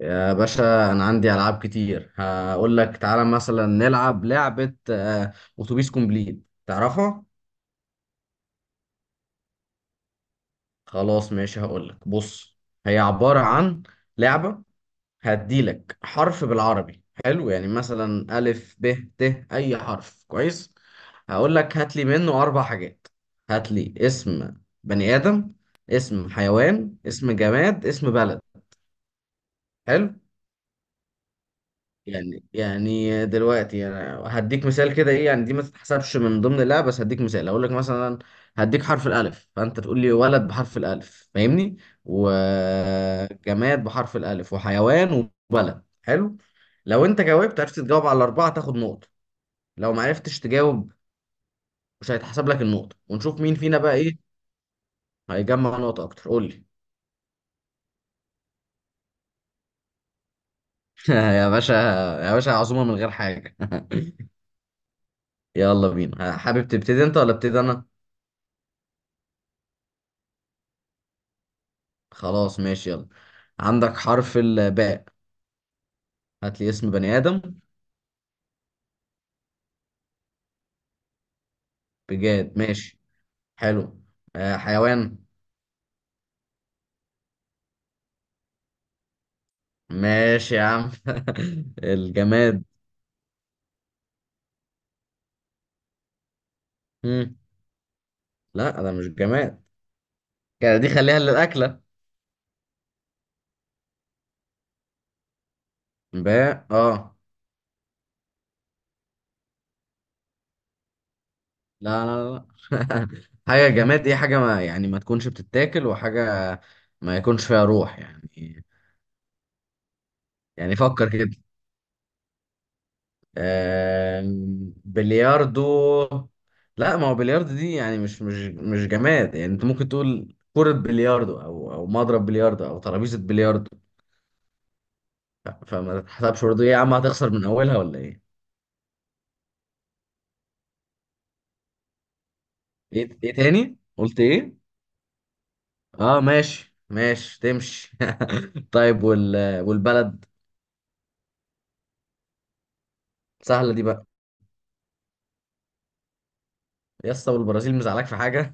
يا باشا انا عندي العاب كتير هقول لك تعالى مثلا نلعب لعبة اتوبيس كومبليت تعرفها. خلاص ماشي، هقول لك بص، هي عبارة عن لعبة. هديلك حرف بالعربي حلو، يعني مثلا ألف ب ت أي حرف كويس. هقول لك هات لي منه أربع حاجات: هات لي اسم بني آدم، اسم حيوان، اسم جماد، اسم بلد. حلو. يعني دلوقتي انا هديك مثال كده، ايه يعني دي ما تتحسبش من ضمن، لا بس هديك مثال اقول لك مثلا هديك حرف الالف فانت تقول لي ولد بحرف الالف، فاهمني، وجماد بحرف الالف وحيوان وبلد. حلو. لو انت جاوبت عرفت تجاوب على الاربعه تاخد نقطه، لو ما عرفتش تجاوب مش هيتحسب لك النقطه، ونشوف مين فينا بقى ايه هيجمع نقطه اكتر. قول لي. يا باشا، يا باشا عزومه من غير حاجه؟ يلا بينا. حابب تبتدي انت ولا ابتدي انا؟ خلاص ماشي، يلا. عندك حرف الباء. هات لي اسم بني آدم. بجاد، ماشي، حلو. آه، حيوان. ماشي يا عم. الجماد. مم. لا ده مش جماد، كده دي خليها للأكلة. باء، اه. لا لا لا. حاجة جماد دي حاجة ما يعني ما تكونش بتتاكل وحاجة، ما يكونش فيها روح يعني. يعني فكر كده. بلياردو. لا، ما هو بلياردو دي يعني مش جماد، يعني انت ممكن تقول كرة بلياردو او مضرب بلياردو او ترابيزة بلياردو. فما تحسبش برضه. ايه يا عم، هتخسر من اولها ولا ايه؟ ايه تاني؟ قلت ايه؟ اه ماشي ماشي، تمشي. طيب والبلد. سهلة دي بقى. يا اسطى والبرازيل مزعلاك في حاجة؟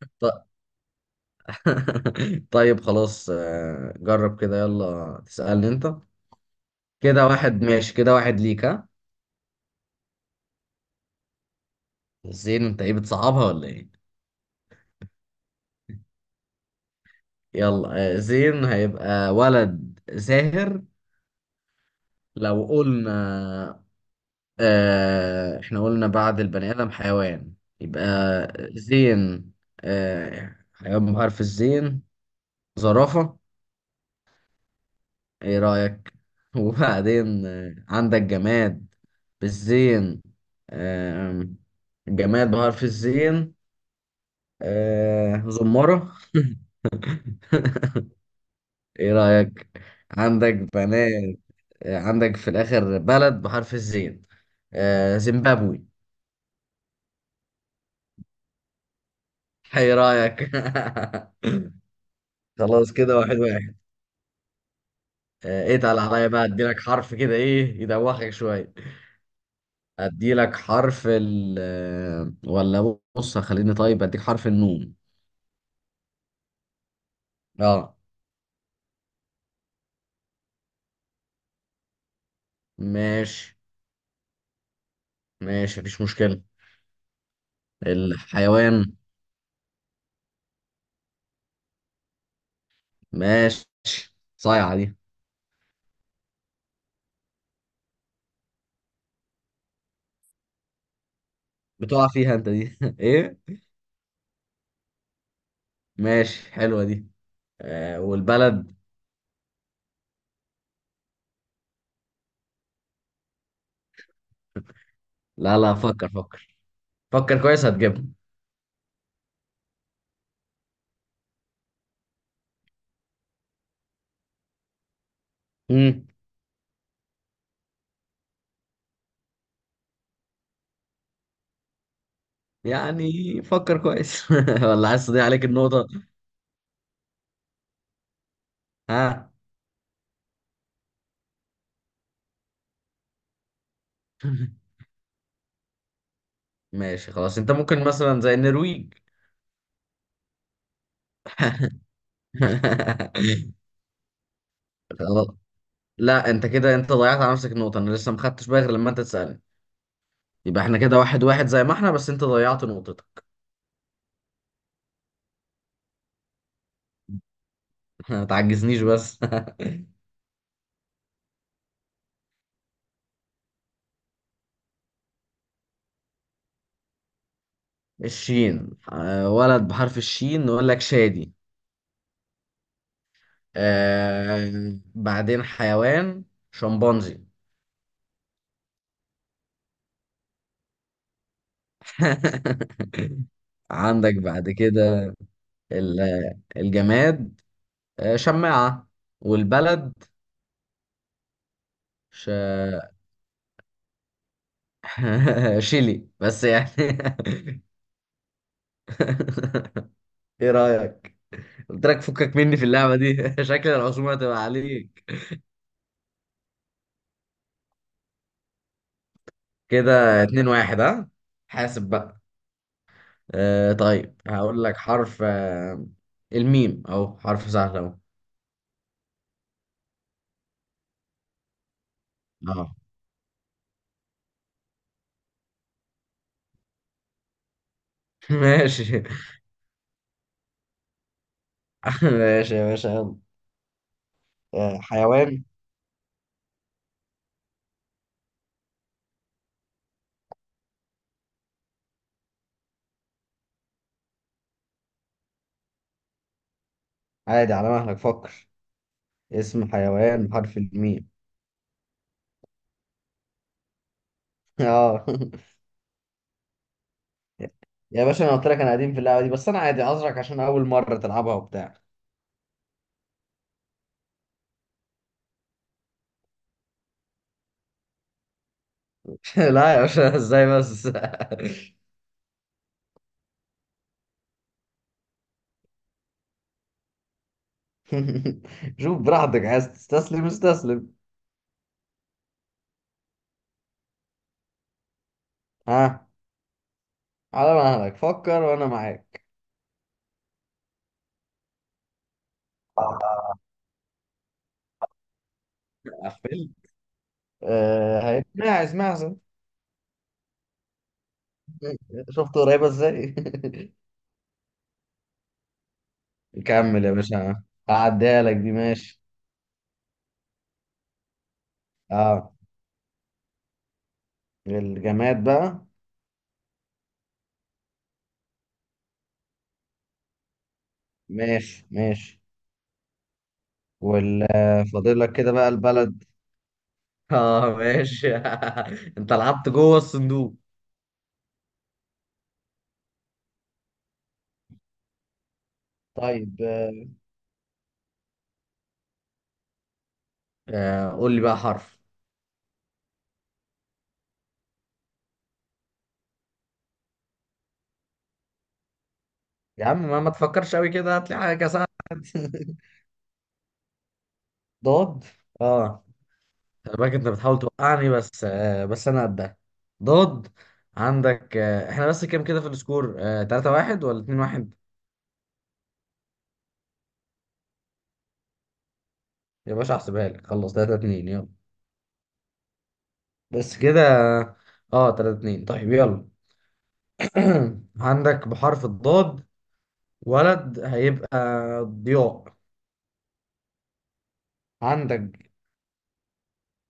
ط- طيب خلاص، جرب كده، يلا تسألني انت. كده واحد ماشي، كده واحد ليك، ها. زين، انت ايه بتصعبها ولا ايه؟ يلا، زين هيبقى ولد زاهر. لو قلنا، آه احنا قلنا بعد البني ادم حيوان. يبقى زين، آه حيوان بحرف الزين، زرافة. ايه رأيك؟ وبعدين عندك جماد بالزين. آه جماد بحرف الزين، آه زمرة. ايه رأيك؟ عندك بنات. عندك في الآخر بلد بحرف الزين، زيمبابوي. ايه رأيك؟ خلاص، كده واحد واحد. اتقل عليا بقى، اديلك حرف كده ايه يدوخك شوية. اديلك حرف ال آه، ولا بص خليني طيب اديك حرف النون. اه ماشي، ماشي، مفيش مشكلة. الحيوان. ماشي، صايعة دي. بتقع فيها انت دي. ايه، ماشي، حلوة دي. آه، والبلد. لا لا، فكر، فكر. فكر كويس هتجيبها. امم يعني فكر كويس. ولا عايز تضيع عليك النقطة؟ ها. ماشي خلاص، انت ممكن مثلا زي النرويج. خلاص. لا انت كده انت ضيعت على نفسك النقطة، انا لسه ما خدتش بالي غير لما انت تسألني. يبقى احنا كده واحد واحد زي ما احنا، بس انت ضيعت نقطتك. ما تعجزنيش بس. الشين. ولد بحرف الشين، نقول لك شادي. آه بعدين حيوان، شمبانزي. عندك بعد كده الجماد. شماعة. والبلد. ش... شيلي بس يعني. ايه رأيك؟ قلت لك فكك مني في اللعبة دي. شكل العزومة هتبقى عليك. كده اتنين واحد، ها؟ حاسب بقى. آه طيب هقول لك حرف الميم، اهو حرف سهل اهو. اه. ماشي. ماشي يا باشا، يلا. آه، حيوان. عادي، على مهلك فكر. اسم حيوان بحرف الميم. اه يا باشا انا قلت لك انا قديم في اللعبه دي، بس انا عادي عذرك عشان اول مره تلعبها وبتاع. لا يا باشا، ازاي بس. شوف براحتك، عايز تستسلم استسلم. ها. على مهلك فكر وانا معاك. قفل. آه ماعز، ماعز. شفت قريبه ازاي. كمل يا باشا، هعديها لك دي، ماشي. اه، الجماد بقى. ماشي، ماشي. وال آه، فاضل لك كده بقى البلد. اه ماشي. انت لعبت جوه الصندوق. طيب آه قول لي بقى حرف. يا عم ما تفكرش قوي كده، هات لي حاجه سهله. ضاد، اه. خلي بالك انت بتحاول توقعني، بس آه بس انا قدها. ضاد. عندك آه، احنا بس كام كده في السكور؟ آه 3-1 ولا 2-1؟ يا باشا احسبها لك، خلص 3-2، يلا. بس كده. اه 3-2، طيب يلا. عندك بحرف الضاد ولد، هيبقى ضياء. عندك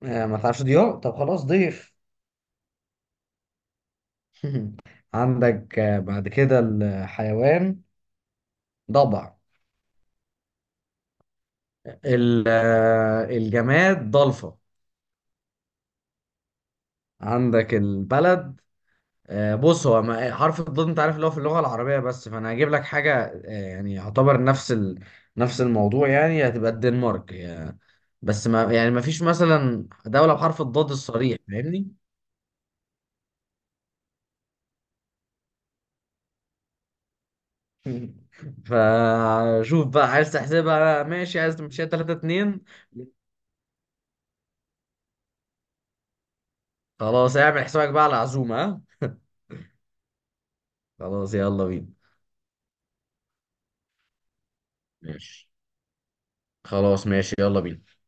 آه، ما تعرفش ضياء؟ طب خلاص ضيف. عندك آه، بعد كده الحيوان، ضبع. الجماد، ضلفة. عندك البلد، بص هو حرف الضاد انت عارف اللي هو في اللغة العربية بس، فانا هجيب لك حاجة يعني يعتبر نفس نفس الموضوع، يعني هتبقى الدنمارك يعني، بس ما يعني ما فيش مثلا دولة بحرف الضاد الصريح، فاهمني. فشوف بقى، عايز تحسبها ماشي، عايز تمشيها 3-2. خلاص اعمل حسابك بقى على العزومة، ها؟ خلاص يلا بينا. ماشي خلاص، ماشي يلا بينا.